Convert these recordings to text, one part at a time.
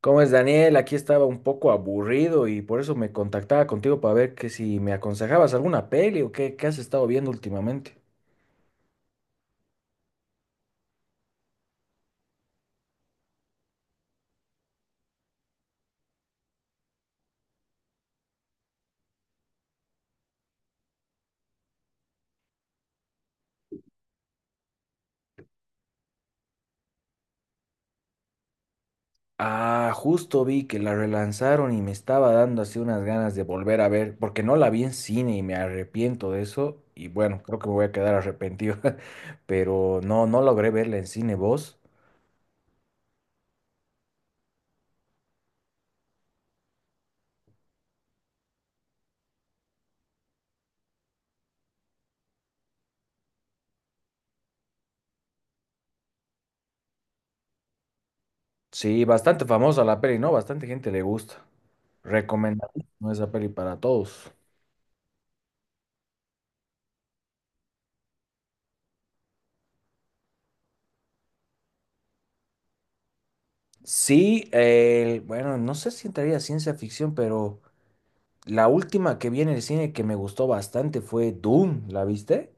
¿Cómo es, Daniel? Aquí estaba un poco aburrido y por eso me contactaba contigo para ver que si me aconsejabas alguna peli o qué has estado viendo últimamente. Ah, justo vi que la relanzaron y me estaba dando así unas ganas de volver a ver, porque no la vi en cine y me arrepiento de eso. Y bueno, creo que me voy a quedar arrepentido, pero no, no logré verla en cine. ¿Vos? Sí, bastante famosa la peli, ¿no? Bastante gente le gusta. Recomendadísima esa peli para todos. Sí, bueno, no sé si entraría a ciencia ficción, pero la última que vi en el cine que me gustó bastante fue Doom, ¿la viste?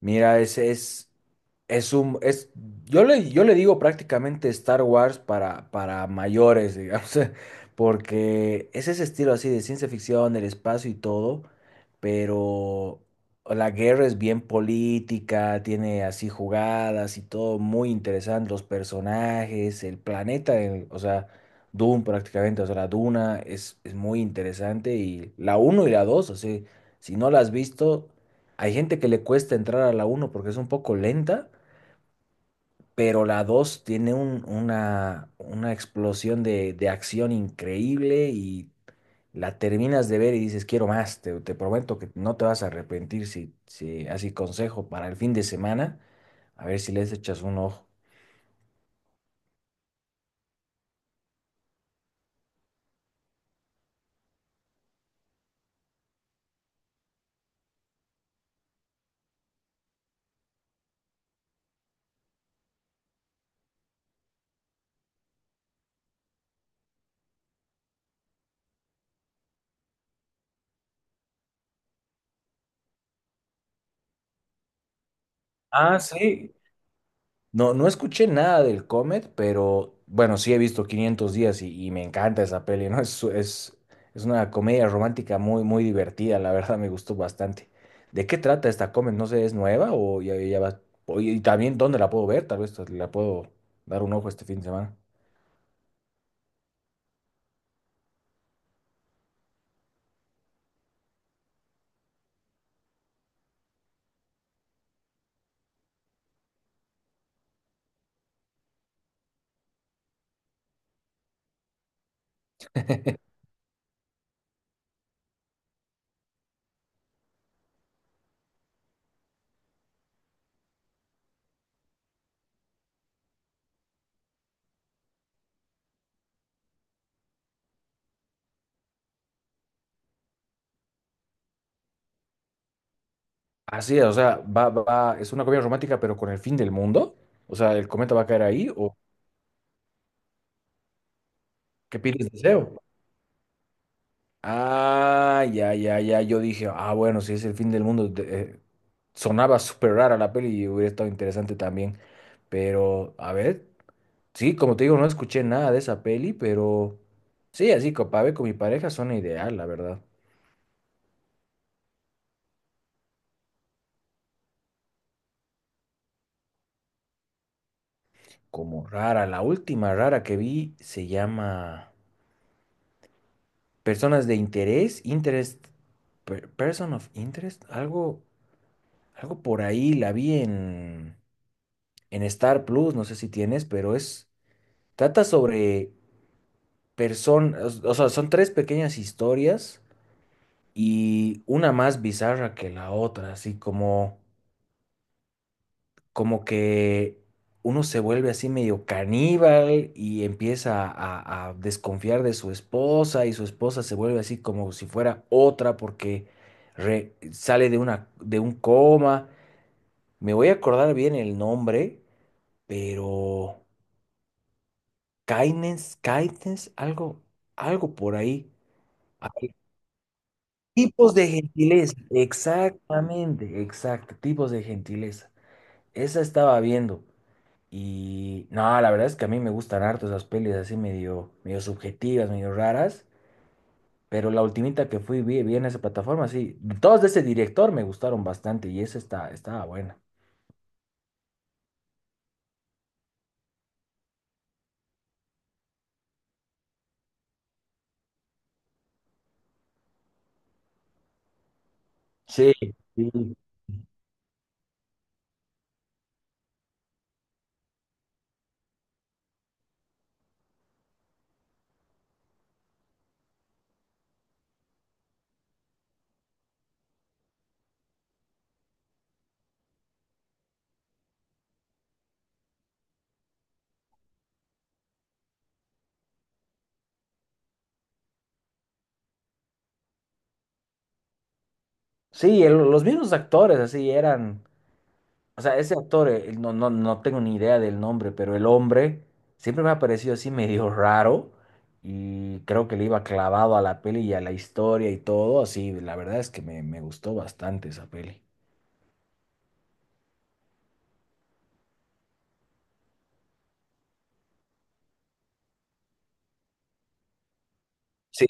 Mira, es, yo le digo prácticamente Star Wars para mayores, digamos, porque es ese estilo así de ciencia ficción, el espacio y todo, pero la guerra es bien política, tiene así jugadas y todo muy interesante, los personajes, el planeta, o sea, Dune prácticamente, o sea, la Duna es muy interesante y la uno y la dos, o sea, si no la has visto... Hay gente que le cuesta entrar a la uno porque es un poco lenta, pero la 2 tiene una explosión de acción increíble y la terminas de ver y dices, quiero más, te prometo que no te vas a arrepentir, si así consejo para el fin de semana, a ver si les echas un ojo. Ah, sí. No, no escuché nada del Comet, pero bueno, sí he visto 500 días y me encanta esa peli, ¿no? Es es una comedia romántica muy divertida, la verdad me gustó bastante. ¿De qué trata esta Comet? No sé, ¿es nueva o ya va? Y también, ¿dónde la puedo ver? Tal vez la puedo dar un ojo este fin de semana. Así es, o sea, es una comedia romántica, pero con el fin del mundo. O sea, ¿el cometa va a caer ahí o qué, pides deseo? Ah, ya. Yo dije, ah, bueno, si es el fin del mundo, sonaba súper rara la peli y hubiera estado interesante también. Pero, a ver, sí, como te digo, no escuché nada de esa peli, pero sí, así para ver con mi pareja suena ideal, la verdad. Como rara, la última rara que vi se llama Personas de Interés, Interest, Person of Interest, algo por ahí, la vi en Star Plus, no sé si tienes, pero es, trata sobre personas, o sea, son tres pequeñas historias y una más bizarra que la otra, así como, como que uno se vuelve así medio caníbal y empieza a desconfiar de su esposa y su esposa se vuelve así como si fuera otra porque sale de una, de un coma. Me voy a acordar bien el nombre, pero Kindness, algo, algo por ahí. Tipos de gentileza, exactamente, exacto, tipos de gentileza. Esa estaba viendo y no, la verdad es que a mí me gustan harto esas pelis así medio, medio subjetivas, medio raras, pero la ultimita que fui vi en esa plataforma, sí, todas de ese director me gustaron bastante y esa estaba buena. Sí, sí. Sí, los mismos actores así eran. O sea, ese actor, no tengo ni idea del nombre, pero el hombre siempre me ha parecido así medio raro y creo que le iba clavado a la peli y a la historia y todo, así, la verdad es que me gustó bastante esa peli. Sí,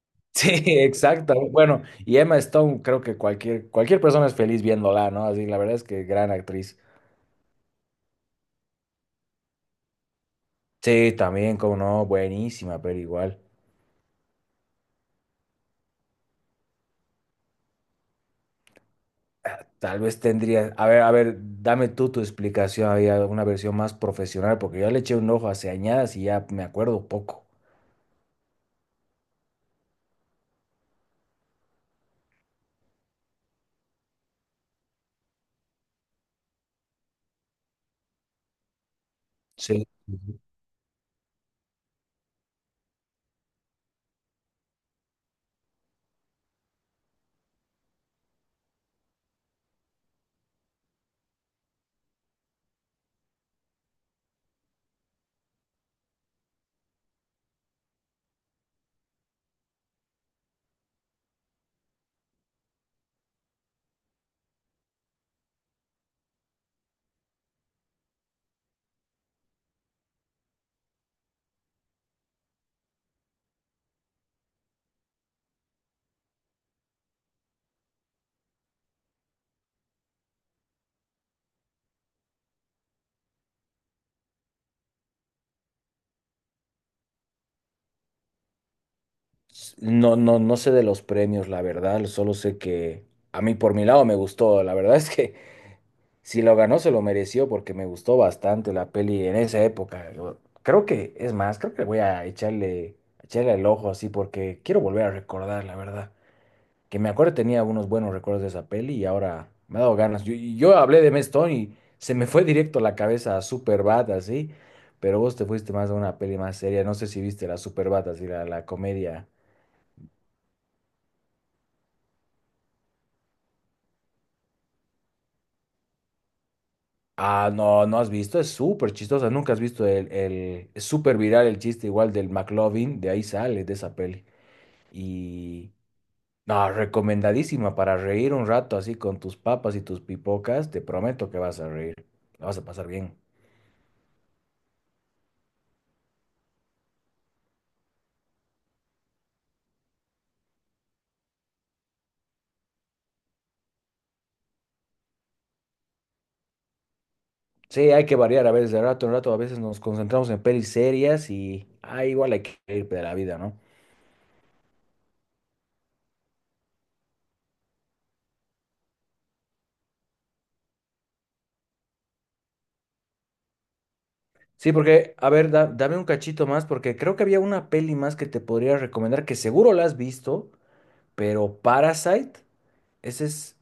sí, exacto. Bueno, y Emma Stone, creo que cualquier persona es feliz viéndola, ¿no? Así, la verdad es que gran actriz. Sí, también, como no, buenísima, pero igual. Tal vez tendría, a ver, dame tú tu explicación, había una versión más profesional, porque yo le eché un ojo hace añadas y ya me acuerdo poco. Sí. No, no sé de los premios, la verdad, solo sé que a mí por mi lado me gustó, la verdad es que si lo ganó se lo mereció porque me gustó bastante la peli en esa época. Yo creo que, es más, creo que voy a echarle el ojo así porque quiero volver a recordar, la verdad. Que me acuerdo tenía unos buenos recuerdos de esa peli y ahora me ha dado ganas. Yo hablé de Matt Stone y se me fue directo la cabeza a Superbad, así, pero vos te fuiste más a una peli más seria. No sé si viste la Superbad, así, la comedia. Ah, no, no has visto, es súper chistosa. Nunca has visto el es súper viral el chiste igual del McLovin, de ahí sale, de esa peli. Y no, recomendadísima para reír un rato así con tus papas y tus pipocas. Te prometo que vas a reír, la vas a pasar bien. Sí, hay que variar a veces de rato en rato, a veces nos concentramos en pelis serias y ah, igual hay que ir de la vida, ¿no? Sí, porque, a ver, dame un cachito más, porque creo que había una peli más que te podría recomendar, que seguro la has visto, pero Parasite, ese es,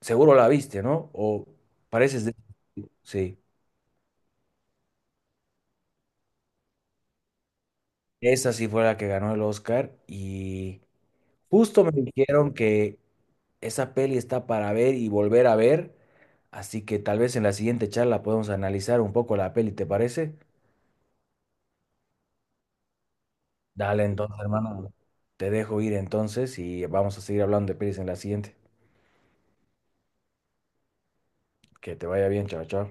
seguro la viste, ¿no? O pareces de... Sí, esa sí fue la que ganó el Oscar y justo me dijeron que esa peli está para ver y volver a ver, así que tal vez en la siguiente charla podemos analizar un poco la peli, ¿te parece? Dale entonces, hermano. Te dejo ir entonces y vamos a seguir hablando de pelis en la siguiente. Que te vaya bien, chao, chao.